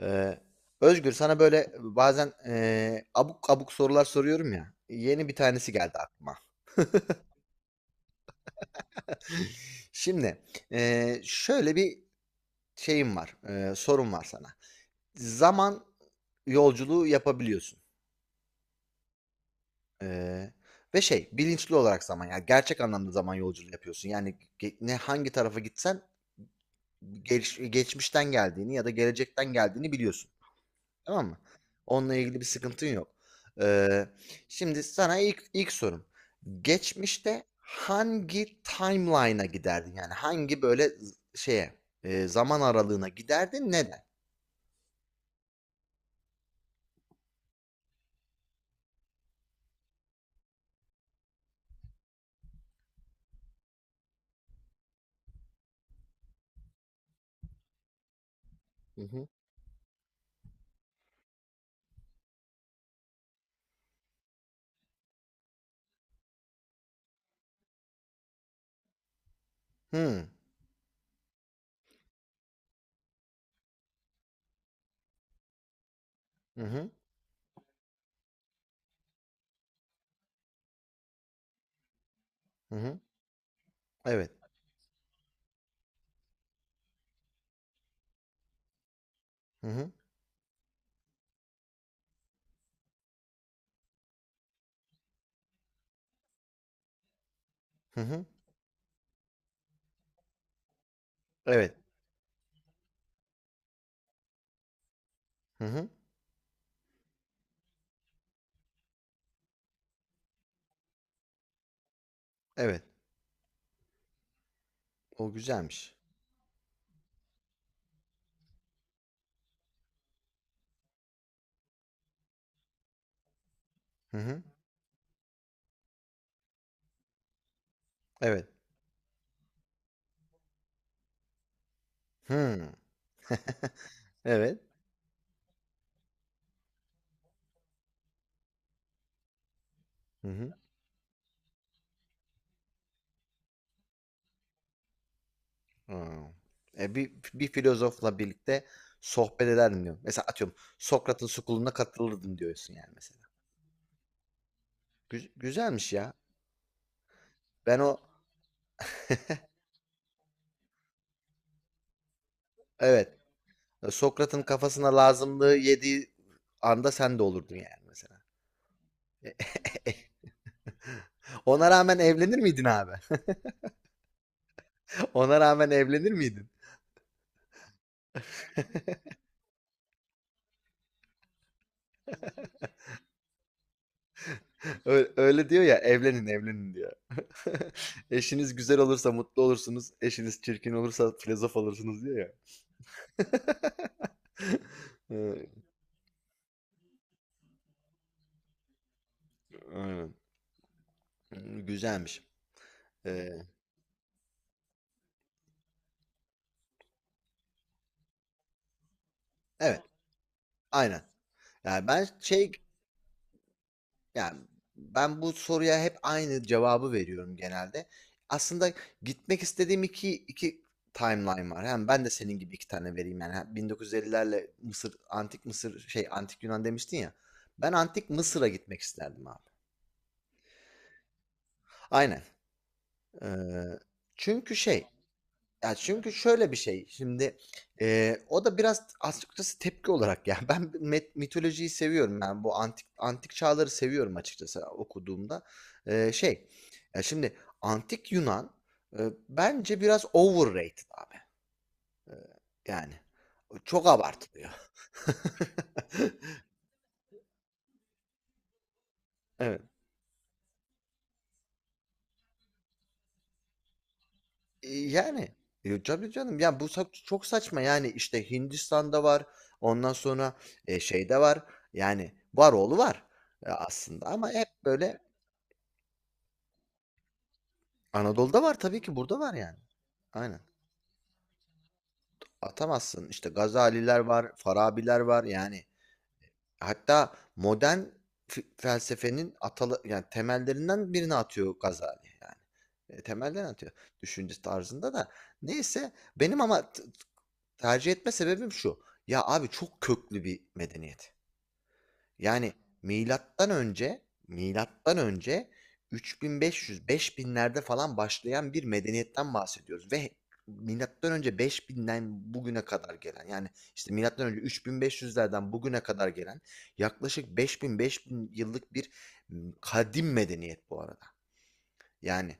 Ee, Özgür, sana böyle bazen abuk abuk sorular soruyorum ya. Yeni bir tanesi geldi aklıma. Şimdi şöyle bir şeyim var, sorum var sana. Zaman yolculuğu yapabiliyorsun. Ee, Ve şey, bilinçli olarak zaman, yani gerçek anlamda zaman yolculuğu yapıyorsun. Yani ne hangi tarafa gitsen geçmişten geldiğini ya da gelecekten geldiğini biliyorsun. Tamam mı? Onunla ilgili bir sıkıntın yok. Eee, Şimdi sana ilk sorum. Geçmişte hangi timeline'a giderdin? Yani hangi böyle şeye, zaman aralığına giderdin? Neden? Hı hı. Hı. Hı hı. Hı hı. Evet. Hı hı. Hı hı. Evet. Hı hı. Evet. O güzelmiş. Hı hı. Evet. Hı. Evet. Hı hı. Hımm. E, bir filozofla birlikte sohbet ederdim diyorum. Mesela, atıyorum, Sokrat'ın "School'una" katılırdım diyorsun yani mesela. Güzelmiş ya. Ben o. Evet, Sokrat'ın kafasına lazımlığı yediği anda sen de olurdun yani mesela. Ona rağmen evlenir miydin abi? Ona rağmen evlenir miydin? Öyle öyle diyor ya, "Evlenin, evlenin." diyor. Eşiniz güzel olursa mutlu olursunuz, eşiniz çirkin olursa filozof olursunuz diyor ya. Iıı, aynen. Güzelmiş. Ee, Evet, aynen. Yani ben şey, yani ben bu soruya hep aynı cevabı veriyorum genelde. Aslında gitmek istediğim iki timeline var. Hem ben de senin gibi iki tane vereyim yani. Hem 1950'lerle Mısır, Antik Mısır, şey, Antik Yunan demiştin ya. Ben Antik Mısır'a gitmek isterdim abi. Aynen. Ee, Çünkü şey, ya, çünkü şöyle bir şey, şimdi, o da biraz açıkçası tepki olarak ya, ben mitolojiyi seviyorum, yani bu antik çağları seviyorum açıkçası okuduğumda. Şey, ya, şimdi antik Yunan, bence biraz overrated abi, yani. Çok abartılıyor. Evet. Yani, tabii canım. Ya, bu çok saçma. Yani, işte, Hindistan'da var, ondan sonra, şeyde var. Yani, var varoğlu var, aslında ama hep böyle Anadolu'da var tabii ki, burada var yani. Aynen. Atamazsın. İşte Gazaliler var, Farabiler var. Yani, hatta modern felsefenin atalı, yani temellerinden birini atıyor Gazali yani. Temelden atıyor düşünce tarzında da. Neyse, benim ama tercih etme sebebim şu: ya, abi, çok köklü bir medeniyet. Yani milattan önce milattan önce 3500-5000'lerde falan başlayan bir medeniyetten bahsediyoruz ve milattan önce 5000'den bugüne kadar gelen, yani, işte, milattan önce 3500'lerden bugüne kadar gelen yaklaşık 5000-5000 yıllık bir kadim medeniyet bu arada. Yani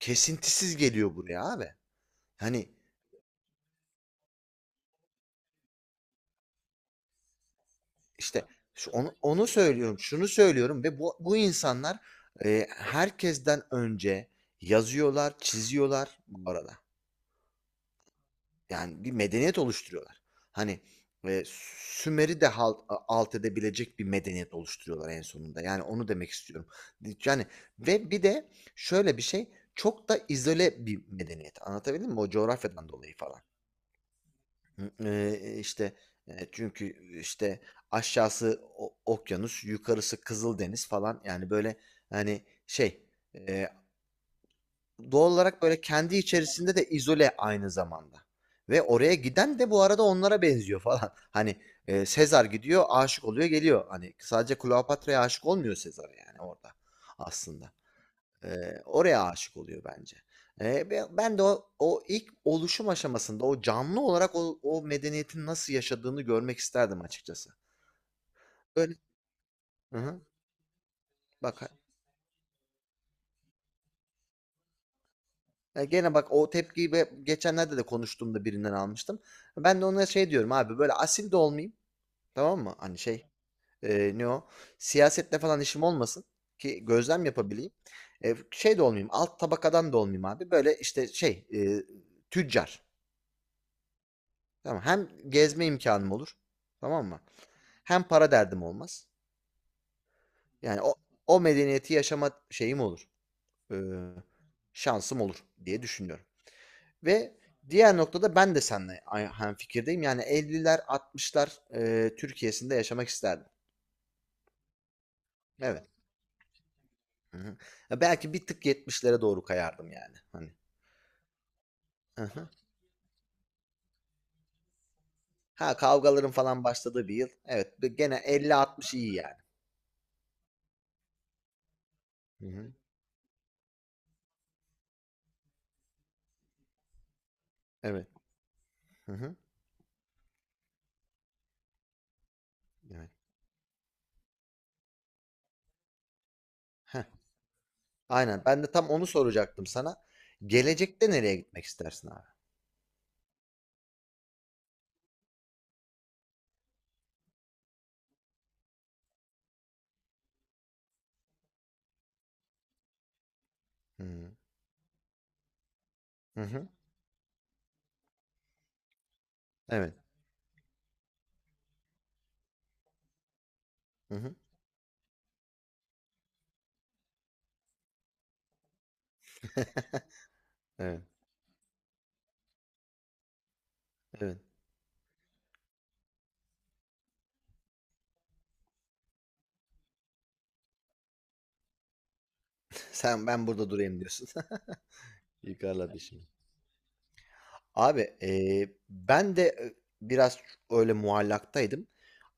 kesintisiz geliyor buraya abi. Hani, İşte şu onu söylüyorum, şunu söylüyorum ve bu insanlar, herkesten önce yazıyorlar, çiziyorlar bu arada. Yani bir medeniyet oluşturuyorlar. Hani, eee, Sümer'i de halt alt edebilecek bir medeniyet oluşturuyorlar en sonunda. Yani onu demek istiyorum. Yani ve bir de şöyle bir şey, çok da izole bir medeniyet. Anlatabildim mi? O coğrafyadan dolayı falan. Hı, işte, çünkü, işte, aşağısı o okyanus, yukarısı Kızıldeniz falan. Yani, böyle, hani, şey, eee, doğal olarak, böyle, kendi içerisinde de izole aynı zamanda ve oraya giden de bu arada onlara benziyor falan. Hani, Sezar gidiyor, aşık oluyor, geliyor. Hani, sadece Kleopatra'ya aşık olmuyor Sezar yani orada aslında. Oraya aşık oluyor bence. Be ben de o ilk oluşum aşamasında o canlı olarak o medeniyetin nasıl yaşadığını görmek isterdim açıkçası. Böyle. Hı hı. Bak ha, gene bak, o tepkiyi geçenlerde de konuştuğumda birinden almıştım. Ben de ona şey diyorum abi, böyle asil de olmayayım, tamam mı? Hani şey, ne o? Siyasetle falan işim olmasın ki gözlem yapabileyim. Şey de olmayayım, alt tabakadan da olmayayım abi. Böyle işte şey, tüccar. Tamam. Hem gezme imkanım olur. Tamam mı? Hem para derdim olmaz. Yani o medeniyeti yaşama şeyim olur. Ee, Şansım olur diye düşünüyorum. Ve diğer noktada ben de seninle aynı fikirdeyim. Yani 50'ler 60'lar Türkiye'sinde yaşamak isterdim. Evet. Hı hı. Ya, belki bir tık 70'lere doğru kayardım yani. Hani. Hı hı. Ha, kavgaların falan başladığı bir yıl. Evet. Gene 50-60 iyi yani. Hı hı. Evet. Hı hı. Evet. Heh. Aynen. Ben de tam onu soracaktım sana. Gelecekte nereye gitmek istersin abi? Hıı. Hı hı. Evet. Hı hı. Evet, evet. Sen, ben burada durayım diyorsun. Yukarıla dışını. Abi, ben de, biraz öyle muallaktaydım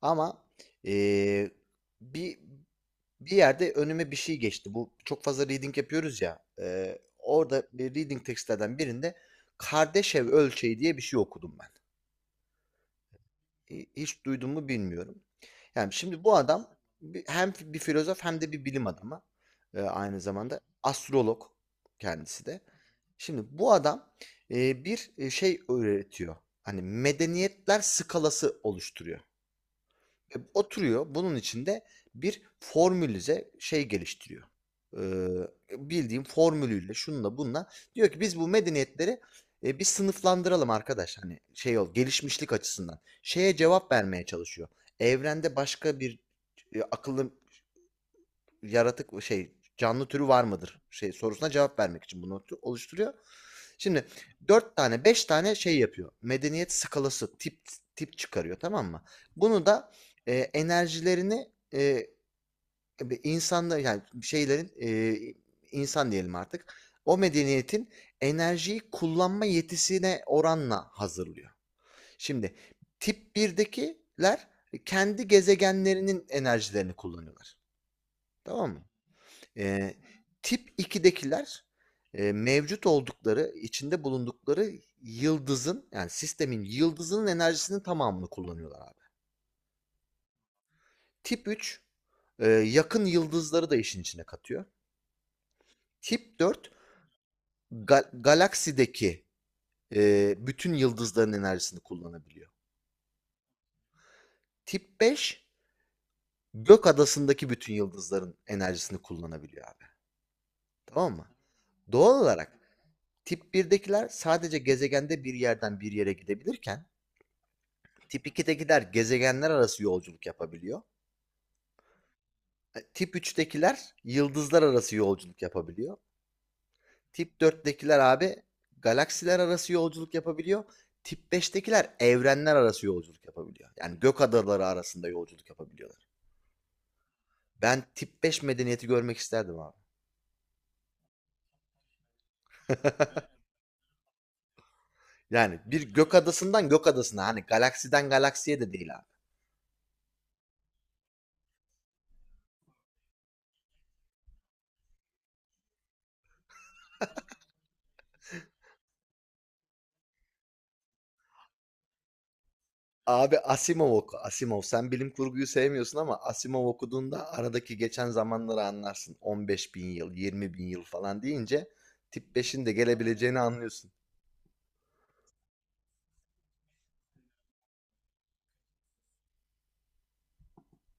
ama, eee, bir bir yerde önüme bir şey geçti. Bu çok fazla reading yapıyoruz ya, orada bir reading tekstlerden birinde Kardashev ölçeği diye bir şey okudum ben. Hiç duydun mu bilmiyorum. Yani, şimdi bu adam hem bir filozof hem de bir bilim adamı, aynı zamanda astrolog kendisi de. Şimdi bu adam, bir, şey öğretiyor, hani medeniyetler skalası oluşturuyor. E, oturuyor, bunun için de bir formülize şey geliştiriyor. Bildiğin formülüyle, şununla bununla diyor ki biz bu medeniyetleri, bir sınıflandıralım arkadaş, hani şey gelişmişlik açısından. Şeye cevap vermeye çalışıyor. Evrende başka bir, akıllı yaratık şey canlı türü var mıdır şey sorusuna cevap vermek için bunu oluşturuyor. Şimdi dört tane beş tane şey yapıyor. Medeniyet skalası tip çıkarıyor, tamam mı? Bunu da enerjilerini insanda yani şeylerin, insan diyelim artık, o medeniyetin enerjiyi kullanma yetisine oranla hazırlıyor. Şimdi tip birdekiler kendi gezegenlerinin enerjilerini kullanıyorlar. Tamam mı? Eee, Tip ikidekiler mevcut oldukları, içinde bulundukları yıldızın, yani sistemin yıldızının enerjisinin tamamını kullanıyorlar abi. Tip 3 yakın yıldızları da işin içine katıyor. Tip 4 galaksideki bütün yıldızların enerjisini kullanabiliyor. Tip 5 gök adasındaki bütün yıldızların enerjisini kullanabiliyor abi. Tamam mı? Doğal olarak tip birdekiler sadece gezegende bir yerden bir yere gidebilirken Tip 2'dekiler gezegenler arası yolculuk yapabiliyor. E, Tip 3'tekiler yıldızlar arası yolculuk yapabiliyor. Tip 4'tekiler abi galaksiler arası yolculuk yapabiliyor. Tip 5'tekiler evrenler arası yolculuk yapabiliyor. Yani gök adaları arasında yolculuk yapabiliyorlar. Ben tip 5 medeniyeti görmek isterdim abi. Yani bir gök adasından gök adasına, hani galaksiden galaksiye de değil abi. Abi, Asimov oku, Asimov. Sen bilim kurguyu sevmiyorsun ama Asimov okuduğunda aradaki geçen zamanları anlarsın. 15 bin yıl, 20 bin yıl falan deyince tip beşin de gelebileceğini anlıyorsun.